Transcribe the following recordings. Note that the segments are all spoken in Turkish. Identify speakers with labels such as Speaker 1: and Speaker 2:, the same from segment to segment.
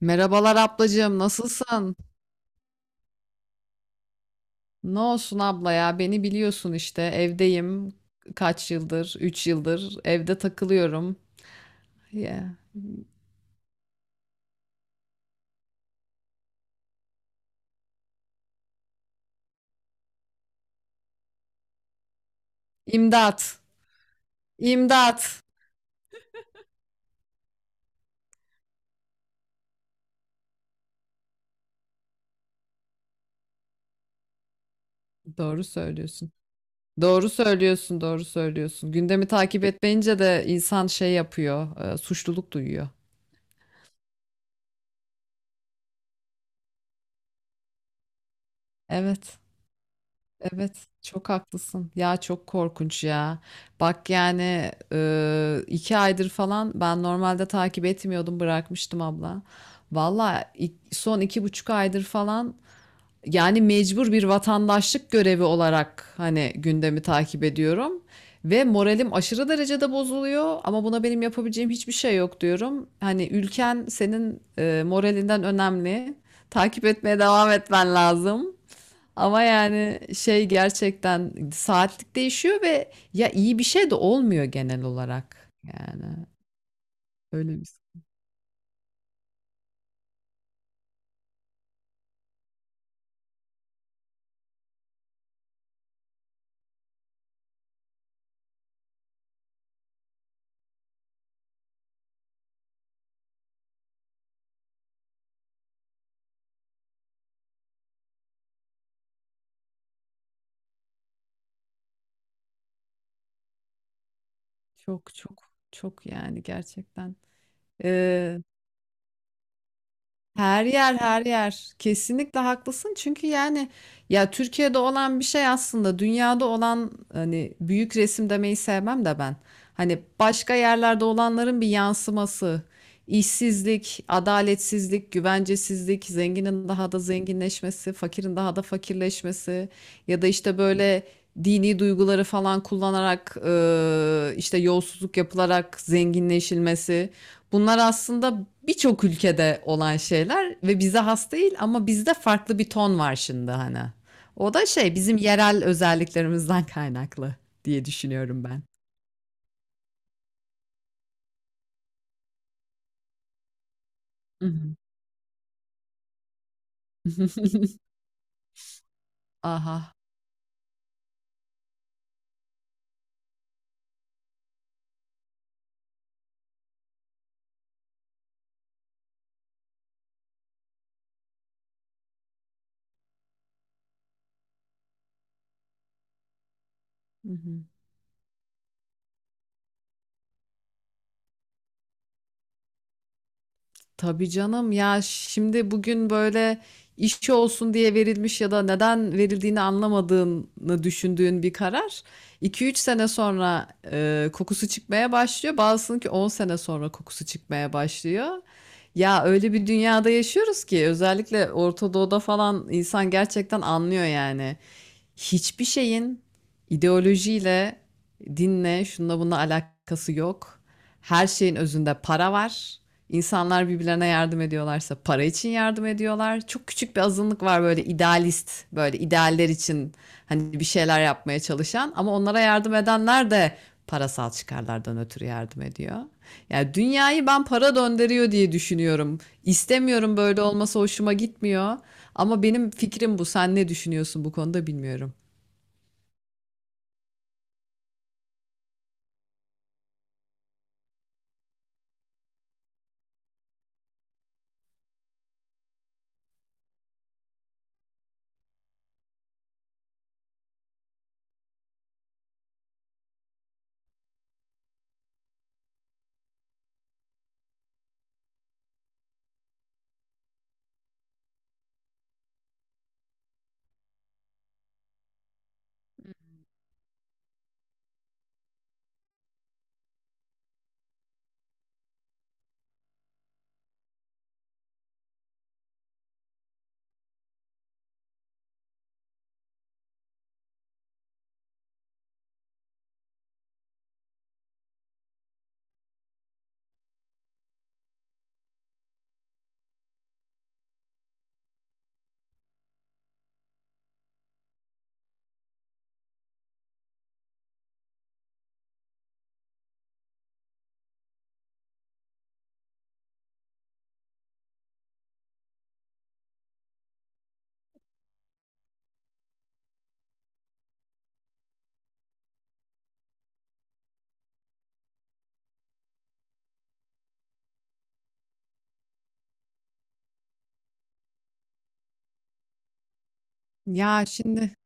Speaker 1: Merhabalar ablacığım, nasılsın? Ne olsun abla ya, beni biliyorsun işte. Evdeyim kaç yıldır, 3 yıldır evde takılıyorum. Ya. İmdat, imdat. Doğru söylüyorsun. Doğru söylüyorsun, doğru söylüyorsun. Gündemi takip etmeyince de insan şey yapıyor, suçluluk duyuyor. Evet. Evet, çok haklısın. Ya çok korkunç ya. Bak yani 2 aydır falan ben normalde takip etmiyordum, bırakmıştım abla. Valla son 2,5 aydır falan yani mecbur bir vatandaşlık görevi olarak hani gündemi takip ediyorum. Ve moralim aşırı derecede bozuluyor ama buna benim yapabileceğim hiçbir şey yok diyorum. Hani ülken senin moralinden önemli. Takip etmeye devam etmen lazım. Ama yani şey gerçekten saatlik değişiyor ve ya iyi bir şey de olmuyor genel olarak. Yani öyle bir çok çok çok yani gerçekten. Her yer her yer. Kesinlikle haklısın. Çünkü yani ya Türkiye'de olan bir şey aslında dünyada olan hani büyük resim demeyi sevmem de ben. Hani başka yerlerde olanların bir yansıması. İşsizlik, adaletsizlik, güvencesizlik, zenginin daha da zenginleşmesi, fakirin daha da fakirleşmesi ya da işte böyle dini duyguları falan kullanarak işte yolsuzluk yapılarak zenginleşilmesi. Bunlar aslında birçok ülkede olan şeyler ve bize has değil ama bizde farklı bir ton var şimdi hani. O da şey bizim yerel özelliklerimizden kaynaklı diye düşünüyorum ben. Hı hı. Aha. Hı hı. Tabii canım ya şimdi bugün böyle işçi olsun diye verilmiş ya da neden verildiğini anlamadığını düşündüğün bir karar 2-3 sene sonra kokusu çıkmaya başlıyor. Bazısının ki 10 sene sonra kokusu çıkmaya başlıyor. Ya öyle bir dünyada yaşıyoruz ki özellikle Orta Doğu'da falan insan gerçekten anlıyor yani. Hiçbir şeyin ideolojiyle, dinle, şununla bununla alakası yok. Her şeyin özünde para var. İnsanlar birbirlerine yardım ediyorlarsa para için yardım ediyorlar. Çok küçük bir azınlık var böyle idealist, böyle idealler için hani bir şeyler yapmaya çalışan ama onlara yardım edenler de parasal çıkarlardan ötürü yardım ediyor. Yani dünyayı ben para döndürüyor diye düşünüyorum. İstemiyorum böyle olması hoşuma gitmiyor. Ama benim fikrim bu. Sen ne düşünüyorsun bu konuda bilmiyorum. Ya şimdi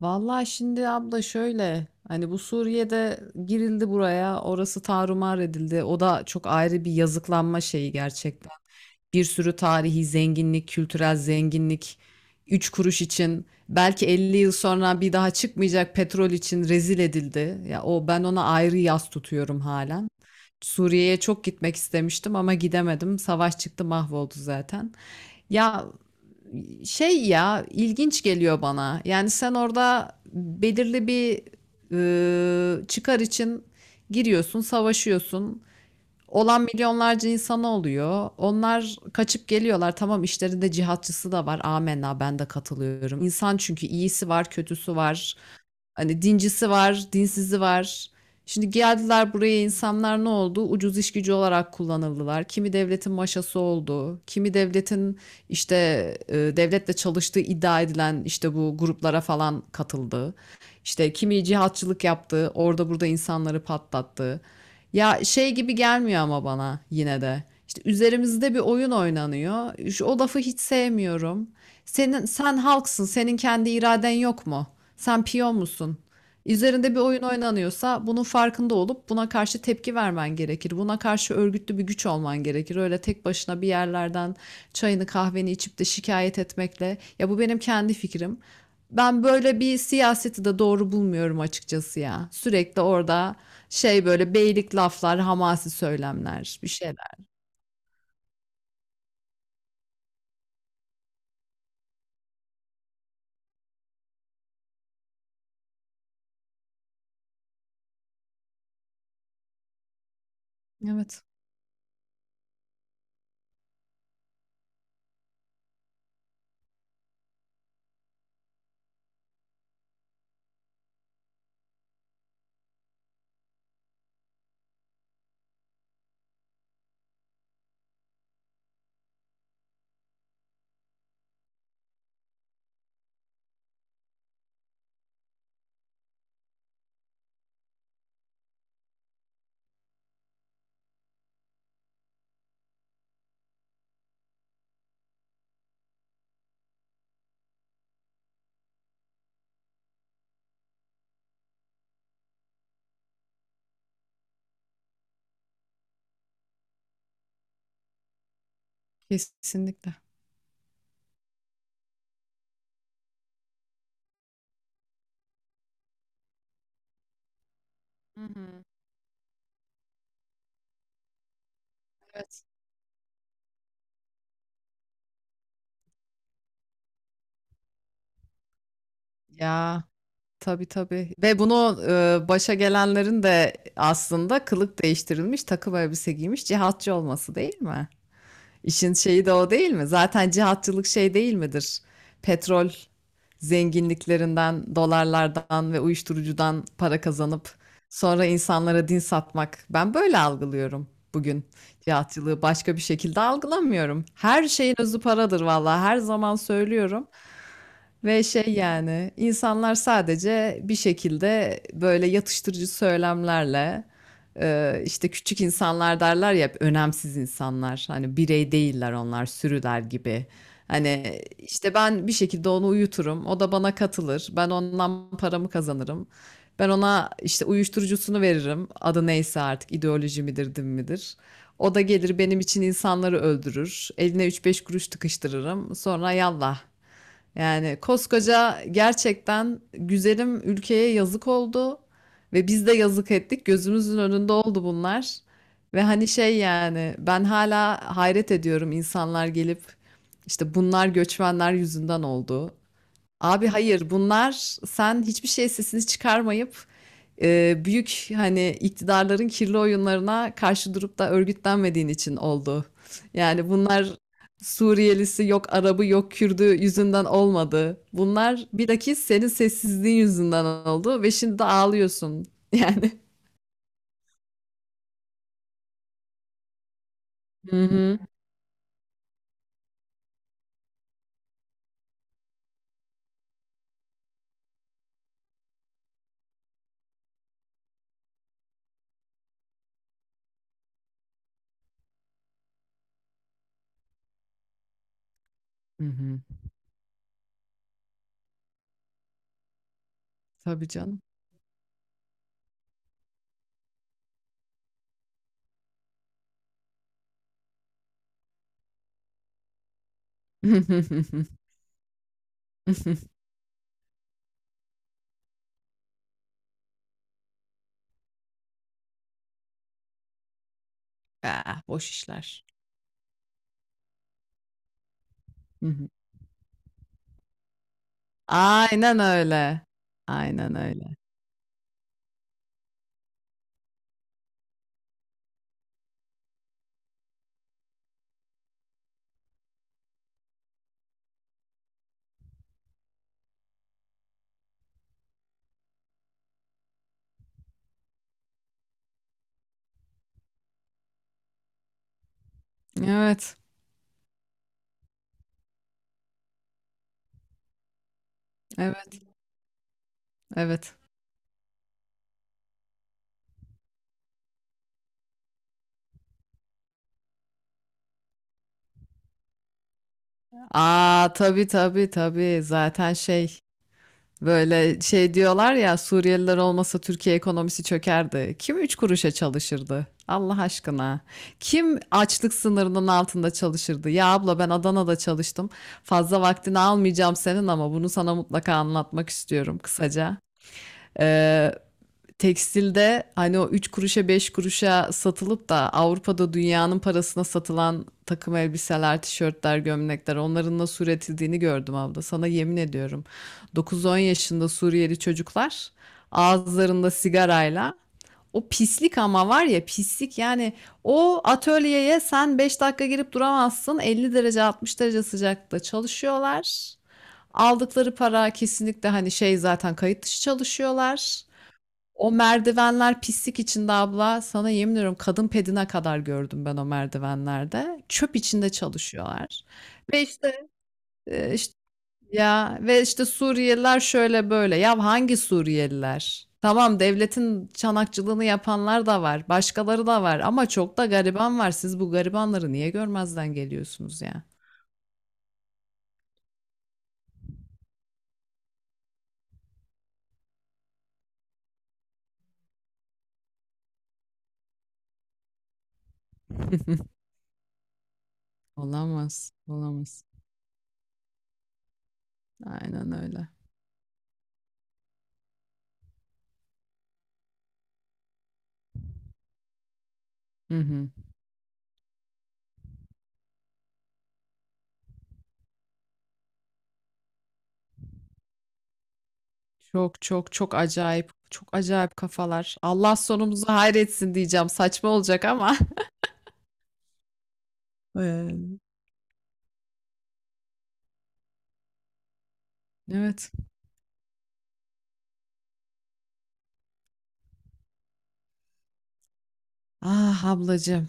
Speaker 1: Vallahi şimdi abla şöyle hani bu Suriye'de girildi buraya orası tarumar edildi o da çok ayrı bir yazıklanma şeyi gerçekten. Bir sürü tarihi zenginlik, kültürel zenginlik 3 kuruş için belki 50 yıl sonra bir daha çıkmayacak petrol için rezil edildi. Ya o ben ona ayrı yas tutuyorum halen. Suriye'ye çok gitmek istemiştim ama gidemedim. Savaş çıktı mahvoldu zaten. Ya şey ya ilginç geliyor bana. Yani sen orada belirli bir çıkar için giriyorsun, savaşıyorsun olan milyonlarca insan oluyor. Onlar kaçıp geliyorlar. Tamam işlerinde cihatçısı da var. Amenna ben de katılıyorum. İnsan çünkü iyisi var, kötüsü var. Hani dincisi var, dinsizi var. Şimdi geldiler buraya insanlar ne oldu? Ucuz iş gücü olarak kullanıldılar. Kimi devletin maşası oldu. Kimi devletin işte devletle çalıştığı iddia edilen işte bu gruplara falan katıldı. İşte kimi cihatçılık yaptı, orada burada insanları patlattı. Ya şey gibi gelmiyor ama bana yine de. İşte üzerimizde bir oyun oynanıyor. O lafı hiç sevmiyorum. Senin sen halksın, senin kendi iraden yok mu? Sen piyon musun? Üzerinde bir oyun oynanıyorsa bunun farkında olup buna karşı tepki vermen gerekir. Buna karşı örgütlü bir güç olman gerekir. Öyle tek başına bir yerlerden çayını kahveni içip de şikayet etmekle ya bu benim kendi fikrim. Ben böyle bir siyaseti de doğru bulmuyorum açıkçası ya. Sürekli orada şey böyle beylik laflar, hamasi söylemler, bir şeyler. Evet, kesinlikle. Hı hı. Evet. Ya tabii tabii. Ve bunu başa gelenlerin de aslında kılık değiştirilmiş, takım elbise giymiş cihatçı olması değil mi? İşin şeyi de o değil mi? Zaten cihatçılık şey değil midir? Petrol zenginliklerinden, dolarlardan ve uyuşturucudan para kazanıp sonra insanlara din satmak. Ben böyle algılıyorum bugün cihatçılığı. Başka bir şekilde algılamıyorum. Her şeyin özü paradır vallahi. Her zaman söylüyorum. Ve şey yani insanlar sadece bir şekilde böyle yatıştırıcı söylemlerle işte küçük insanlar derler ya hep önemsiz insanlar hani birey değiller onlar sürüler gibi. Hani işte ben bir şekilde onu uyuturum o da bana katılır ben ondan paramı kazanırım. Ben ona işte uyuşturucusunu veririm adı neyse artık ideoloji midir din midir. O da gelir benim için insanları öldürür. Eline üç beş kuruş tıkıştırırım. Sonra yallah. Yani koskoca gerçekten güzelim ülkeye yazık oldu ve biz de yazık ettik. Gözümüzün önünde oldu bunlar. Ve hani şey yani ben hala hayret ediyorum insanlar gelip işte bunlar göçmenler yüzünden oldu. Abi hayır bunlar sen hiçbir şey sesini çıkarmayıp büyük hani iktidarların kirli oyunlarına karşı durup da örgütlenmediğin için oldu. Yani bunlar Suriyelisi yok Arabı yok Kürdü yüzünden olmadı. Bunlar bilakis senin sessizliğin yüzünden oldu ve şimdi de ağlıyorsun. Yani. Hı hı. Hı hı. Tabii canım. Ah, boş işler. Hı hı. Aynen öyle. Aynen öyle. Evet. Evet. Evet. Aa tabii tabii tabii. Zaten şey böyle şey diyorlar ya Suriyeliler olmasa Türkiye ekonomisi çökerdi. Kim üç kuruşa çalışırdı? Allah aşkına. Kim açlık sınırının altında çalışırdı? Ya abla ben Adana'da çalıştım. Fazla vaktini almayacağım senin ama bunu sana mutlaka anlatmak istiyorum kısaca. Ee, Tekstilde hani o 3 kuruşa 5 kuruşa satılıp da Avrupa'da dünyanın parasına satılan takım elbiseler, tişörtler, gömlekler onların nasıl üretildiğini gördüm abla. Sana yemin ediyorum. 9-10 yaşında Suriyeli çocuklar ağızlarında sigarayla o pislik ama var ya pislik yani o atölyeye sen 5 dakika girip duramazsın 50 derece 60 derece sıcakta çalışıyorlar. Aldıkları para kesinlikle hani şey zaten kayıt dışı çalışıyorlar. O merdivenler pislik içinde abla. Sana yemin ediyorum kadın pedine kadar gördüm ben o merdivenlerde. Çöp içinde çalışıyorlar. Ve işte, işte ya ve işte Suriyeliler şöyle böyle. Ya hangi Suriyeliler? Tamam devletin çanakçılığını yapanlar da var. Başkaları da var ama çok da gariban var. Siz bu garibanları niye görmezden geliyorsunuz ya? Olamaz, olamaz. Aynen öyle. Hı hı. Çok çok çok acayip. Çok acayip kafalar. Allah sonumuzu hayretsin diyeceğim. Saçma olacak ama. Ee, Evet. Ah ablacığım.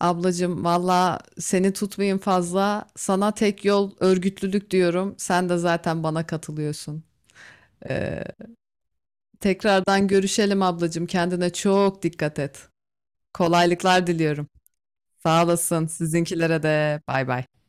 Speaker 1: Ablacığım valla seni tutmayayım fazla. Sana tek yol örgütlülük diyorum. Sen de zaten bana katılıyorsun. Ee, Tekrardan görüşelim ablacığım. Kendine çok dikkat et. Kolaylıklar diliyorum. Sağ olasın. Sizinkilere de. Bay bay.